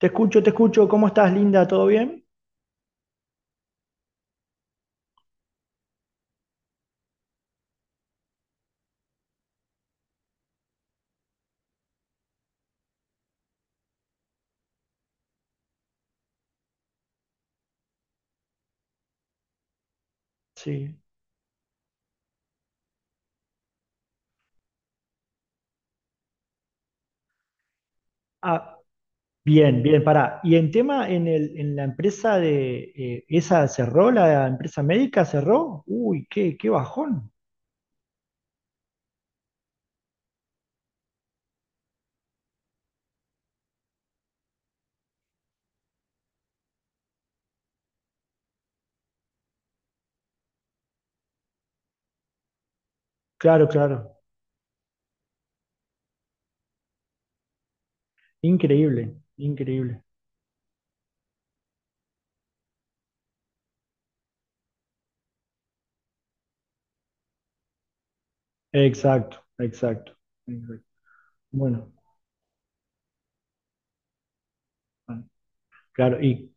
Te escucho, te escucho. ¿Cómo estás, Linda? ¿Todo bien? Sí. Ah, Bien, bien, pará. Y en tema, en el, en la empresa de, esa cerró, la empresa médica cerró. Uy, qué, qué bajón. Claro, claro. Increíble, increíble. Exacto, exacto, exacto. Bueno, bueno, claro. Y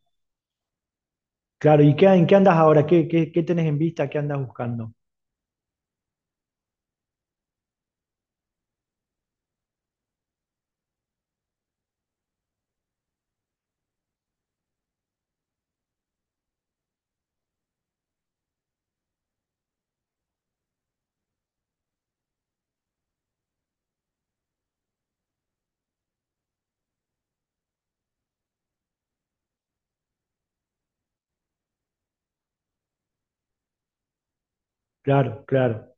claro, ¿y qué, en qué andas ahora? ¿Qué, qué, qué tenés en vista? ¿Qué andas buscando? Claro, claro.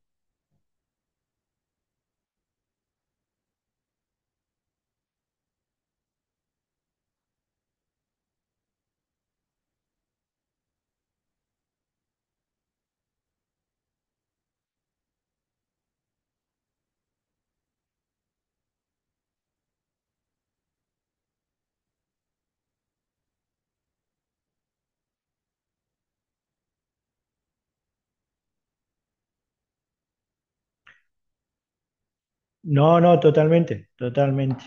No, no, totalmente, totalmente.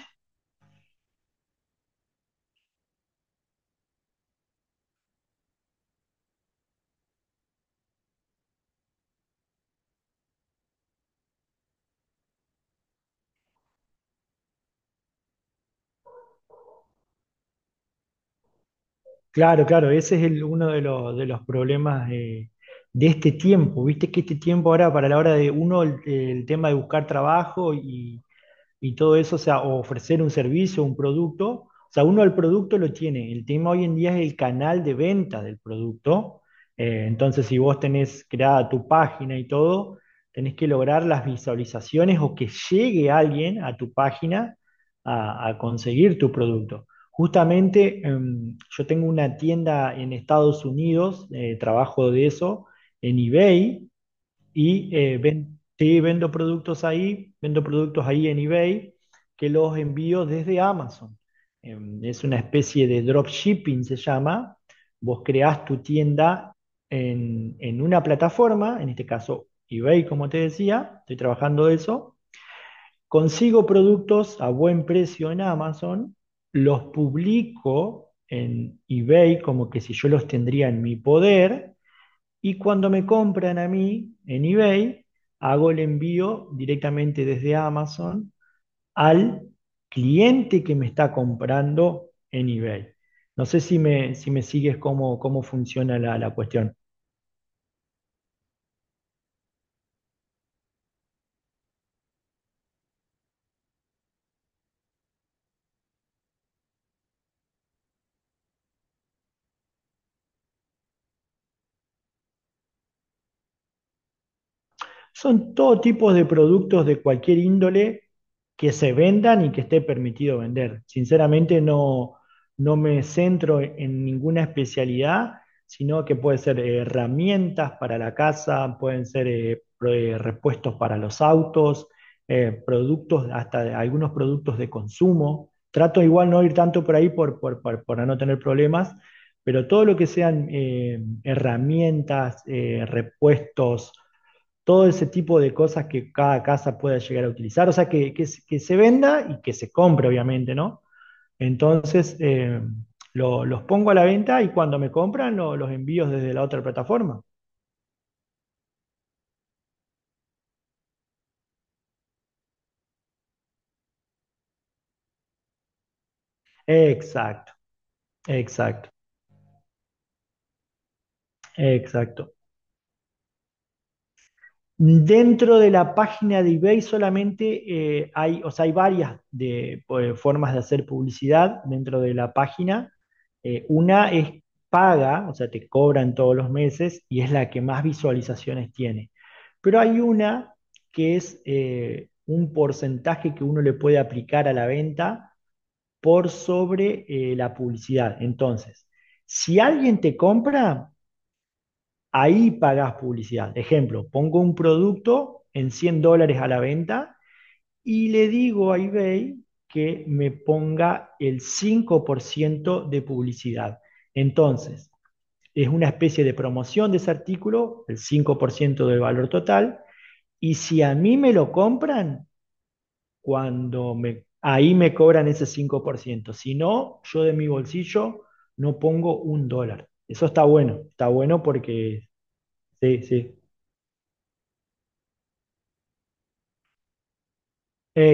Claro, claro, ese es el- uno de los problemas de este tiempo. Viste que este tiempo ahora, para la hora de uno, el tema de buscar trabajo y todo eso, o sea, o ofrecer un servicio, un producto. O sea, uno el producto lo tiene. El tema hoy en día es el canal de venta del producto. Entonces, si vos tenés creada tu página y todo, tenés que lograr las visualizaciones o que llegue alguien a tu página a conseguir tu producto. Justamente, yo tengo una tienda en Estados Unidos, trabajo de eso, en eBay, y sí, vendo productos ahí en eBay que los envío desde Amazon. Es una especie de dropshipping, se llama. Vos creás tu tienda en una plataforma, en este caso eBay, como te decía, estoy trabajando de eso. Consigo productos a buen precio en Amazon, los publico en eBay como que si yo los tendría en mi poder y cuando me compran a mí en eBay, hago el envío directamente desde Amazon al cliente que me está comprando en eBay. No sé si me, si me sigues cómo, cómo funciona la, la cuestión. Son todo tipo de productos de cualquier índole que se vendan y que esté permitido vender. Sinceramente no, no me centro en ninguna especialidad, sino que puede ser herramientas para la casa, pueden ser repuestos para los autos, productos, algunos productos de consumo. Trato igual no ir tanto por ahí por, para no tener problemas, pero todo lo que sean herramientas, repuestos, todo ese tipo de cosas que cada casa pueda llegar a utilizar, o sea, que, que se venda y que se compre, obviamente, ¿no? Entonces, los pongo a la venta y cuando me compran los envíos desde la otra plataforma. Exacto, exacto, exacto. Dentro de la página de eBay solamente hay, o sea, hay varias de, formas de hacer publicidad dentro de la página. Una es paga, o sea, te cobran todos los meses y es la que más visualizaciones tiene. Pero hay una que es un porcentaje que uno le puede aplicar a la venta por sobre la publicidad. Entonces, si alguien te compra, ahí pagás publicidad. Ejemplo, pongo un producto en $100 a la venta y le digo a eBay que me ponga el 5% de publicidad. Entonces, es una especie de promoción de ese artículo, el 5% del valor total, y si a mí me lo compran, ahí me cobran ese 5%. Si no, yo de mi bolsillo no pongo un dólar. Eso está bueno porque sí, sí.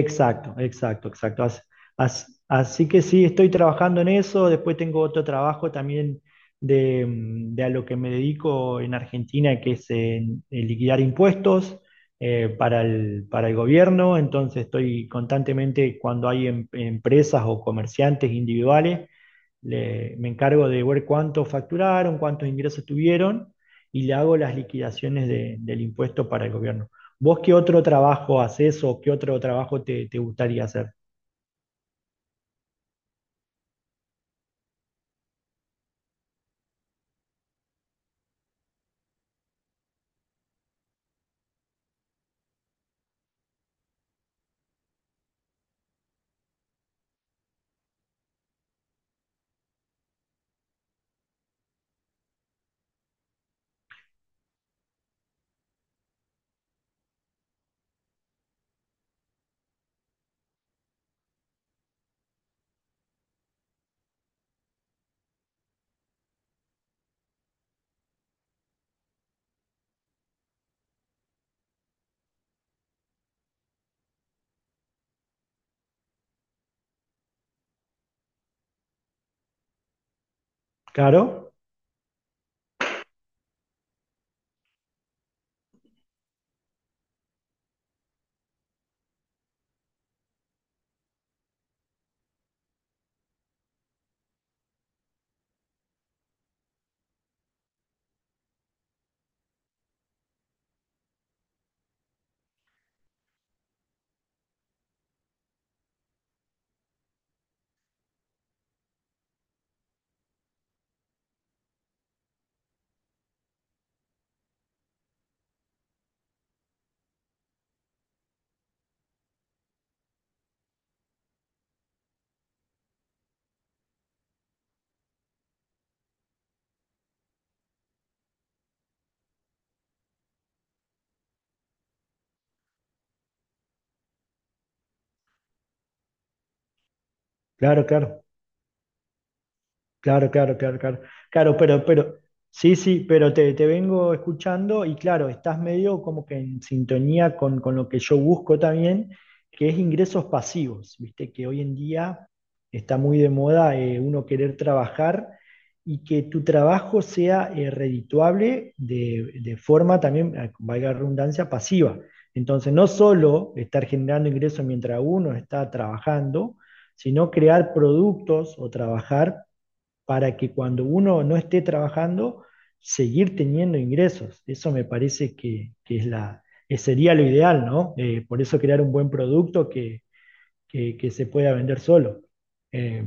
Exacto, exacto, exacto. Así que sí, estoy trabajando en eso. Después tengo otro trabajo también de, de a lo que me dedico en Argentina, que es en liquidar impuestos para el gobierno. Entonces estoy constantemente cuando hay empresas o comerciantes individuales me encargo de ver cuánto facturaron, cuántos ingresos tuvieron y le hago las liquidaciones del impuesto para el gobierno. ¿Vos qué otro trabajo haces o qué otro trabajo te, te gustaría hacer? Claro, claro, claro. Claro, claro, claro, claro. Claro, pero, sí, sí, pero te vengo escuchando y claro, estás medio como que en sintonía con lo que yo busco también, que es ingresos pasivos, viste, que hoy en día está muy de moda uno querer trabajar y que tu trabajo sea redituable de forma también, valga la redundancia, pasiva. Entonces, no solo estar generando ingresos mientras uno está trabajando, sino crear productos o trabajar para que cuando uno no esté trabajando, seguir teniendo ingresos. Eso me parece que es la, que sería lo ideal, ¿no? Por eso crear un buen producto que, que se pueda vender solo. Eh,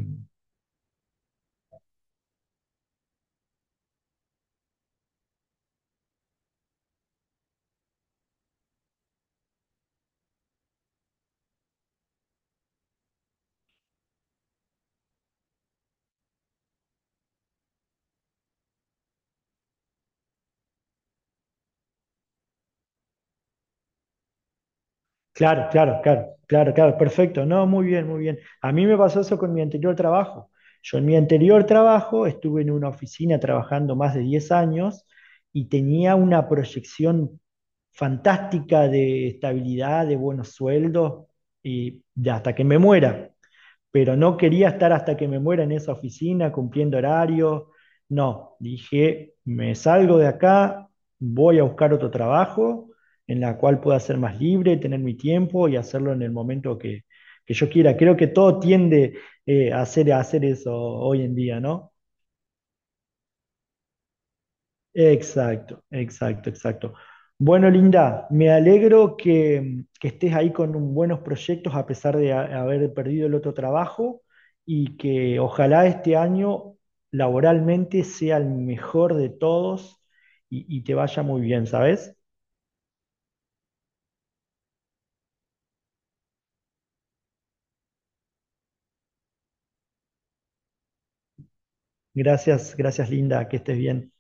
Claro, claro, claro, claro, claro, perfecto. No, muy bien, muy bien. A mí me pasó eso con mi anterior trabajo. Yo en mi anterior trabajo estuve en una oficina trabajando más de 10 años y tenía una proyección fantástica de estabilidad, de buenos sueldos y de hasta que me muera, pero no quería estar hasta que me muera en esa oficina cumpliendo horarios. No, dije, me salgo de acá, voy a buscar otro trabajo en la cual pueda ser más libre, tener mi tiempo y hacerlo en el momento que yo quiera. Creo que todo tiende hacer, a hacer eso hoy en día, ¿no? Exacto, exacto, exacto. Bueno, Linda, me alegro que estés ahí con buenos proyectos a pesar de haber perdido el otro trabajo y que ojalá este año laboralmente sea el mejor de todos y te vaya muy bien, ¿sabes? Gracias, gracias, Linda, que estés bien.